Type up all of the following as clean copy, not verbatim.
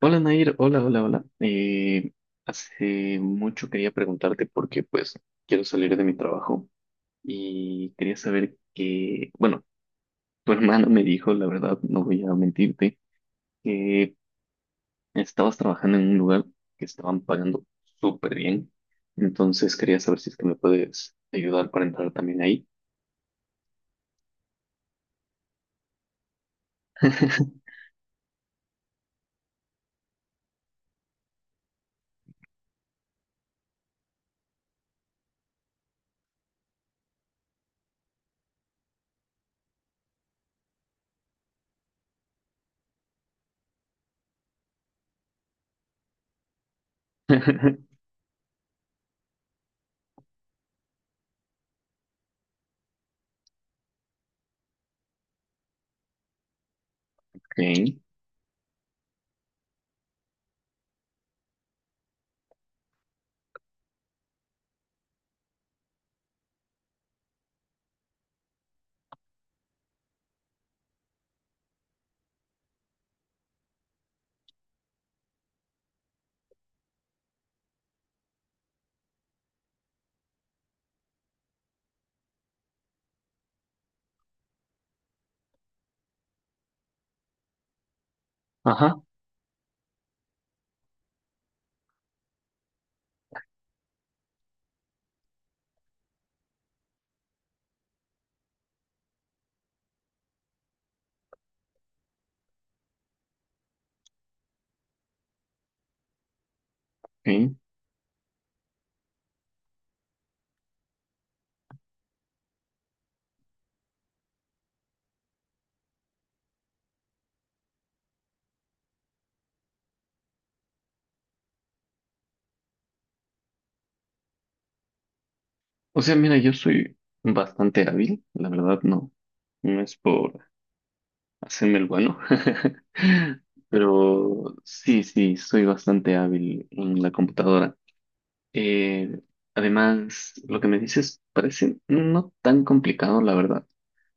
Hola Nair, hola, hola, hola. Hace mucho quería preguntarte porque pues quiero salir de mi trabajo y quería saber que, bueno, tu hermana me dijo, la verdad, no voy a mentirte, que estabas trabajando en un lugar que estaban pagando súper bien. Entonces quería saber si es que me puedes ayudar para entrar también ahí. Ok. Ajá, ok. O sea, mira, yo soy bastante hábil, la verdad, no. No es por hacerme el bueno. Pero sí, sí, soy bastante hábil en la computadora. Eh, Además, lo que me dices parece no tan complicado, la verdad.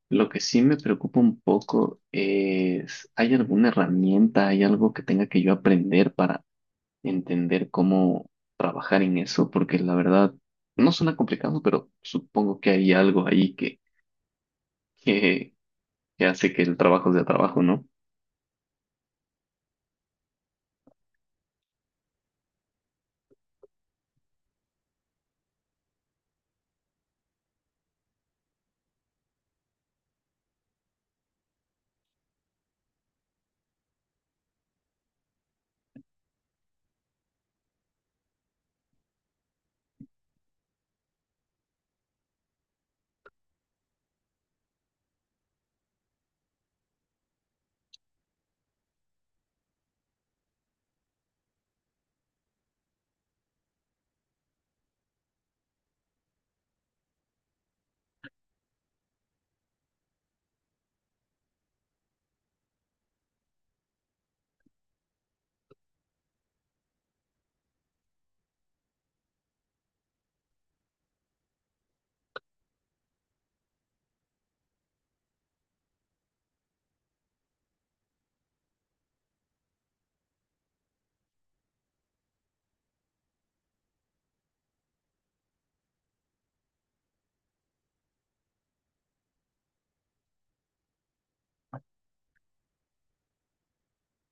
Lo que sí me preocupa un poco es, ¿hay alguna herramienta, hay algo que tenga que yo aprender para entender cómo trabajar en eso? Porque la verdad, no suena complicado, pero supongo que hay algo ahí que, que hace que el trabajo sea trabajo, ¿no?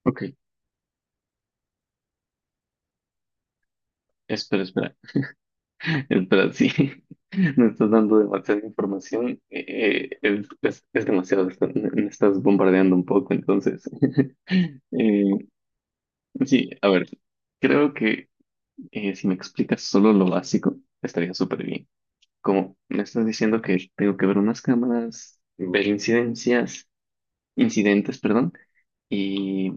Ok, espera, espera. Pero sí, me estás dando demasiada información, es, es demasiado, me estás bombardeando un poco, entonces. Eh, sí, a ver, creo que si me explicas solo lo básico, estaría súper bien. Como me estás diciendo que tengo que ver unas cámaras, ver incidencias, incidentes, perdón, y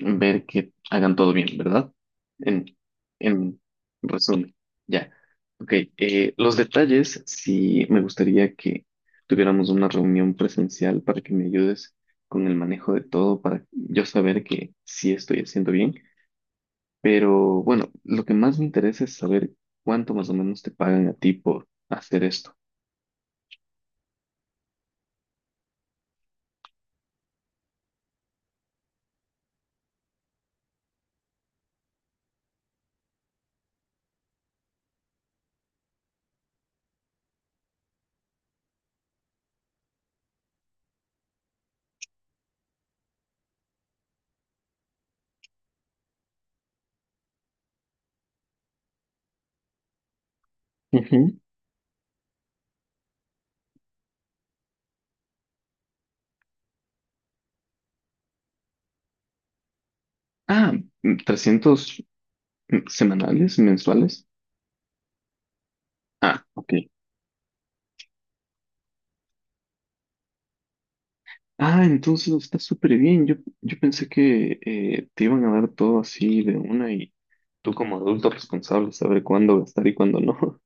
ver que hagan todo bien, ¿verdad? En, en resumen, ya. Ok, los detalles, sí me gustaría que tuviéramos una reunión presencial para que me ayudes con el manejo de todo, para yo saber que sí estoy haciendo bien. Pero bueno, lo que más me interesa es saber cuánto más o menos te pagan a ti por hacer esto. Ujú. Ah, 300 semanales, mensuales. Ah, ok. Ah, entonces está súper bien. Yo pensé que te iban a dar todo así de una y tú como adulto responsable saber cuándo gastar y cuándo no.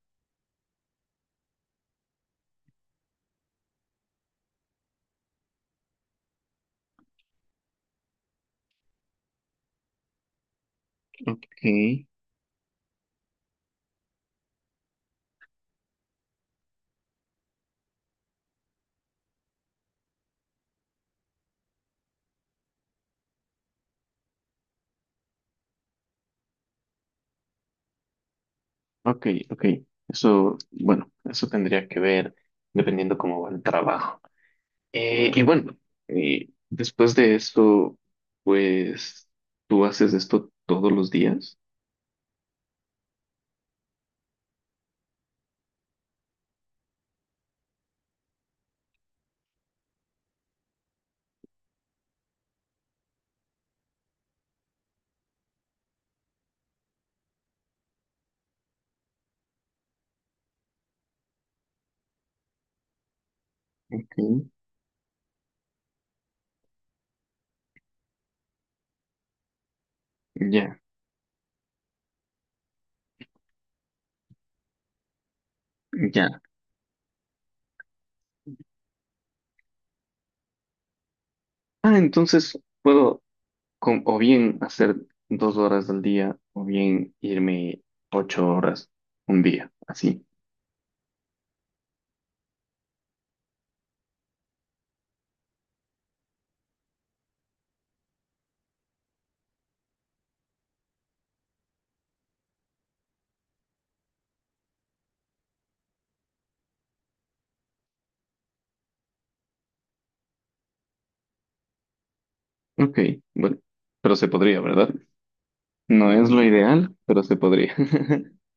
Ok, ok, ok. Eso, bueno, eso tendría que ver dependiendo cómo va el trabajo. Y bueno, después de eso, pues, ¿tú haces esto todos los días? Ok. Ya, ya. Ah, entonces puedo o bien hacer 2 horas al día o bien irme 8 horas un día, así. Ok, bueno, pero se podría, ¿verdad? No es lo ideal, pero se podría.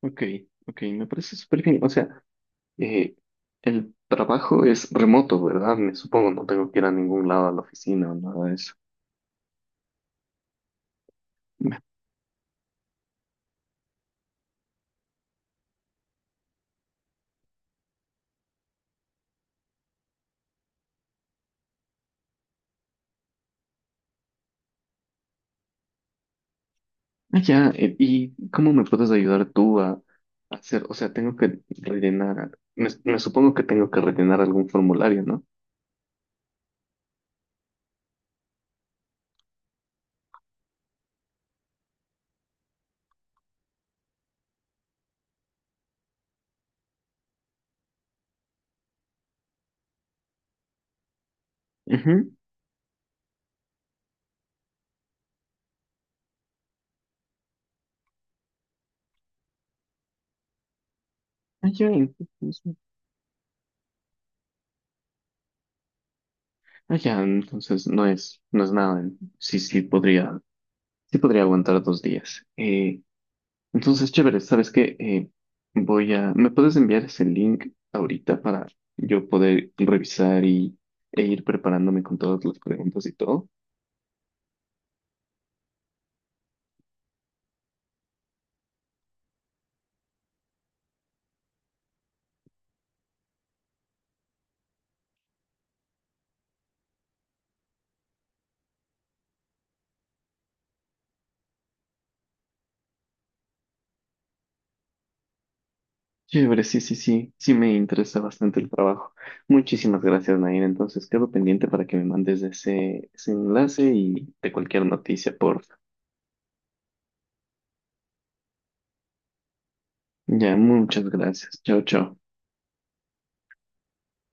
Ok, ok, me parece súper bien. O sea, eh, el trabajo es remoto, ¿verdad? Me supongo, no tengo que ir a ningún lado a la oficina o nada de eso. Me- Ah, ya, ¿y cómo me puedes ayudar tú a hacer? O sea, tengo que rellenar, me supongo que tengo que rellenar algún formulario, ¿no? Ujú. Ah, ya, entonces, ah, ya, entonces no es, no es nada. Sí, sí, podría. Sí podría aguantar 2 días. Entonces, chévere, ¿sabes qué? Voy a... ¿Me puedes enviar ese link ahorita para yo poder revisar y, e ir preparándome con todas las preguntas y todo? Chévere, sí, sí, sí. Sí me interesa bastante el trabajo. Muchísimas gracias, Nair. Entonces, quedo pendiente para que me mandes ese, ese enlace y de cualquier noticia, por... Ya, muchas gracias. Chao, chao.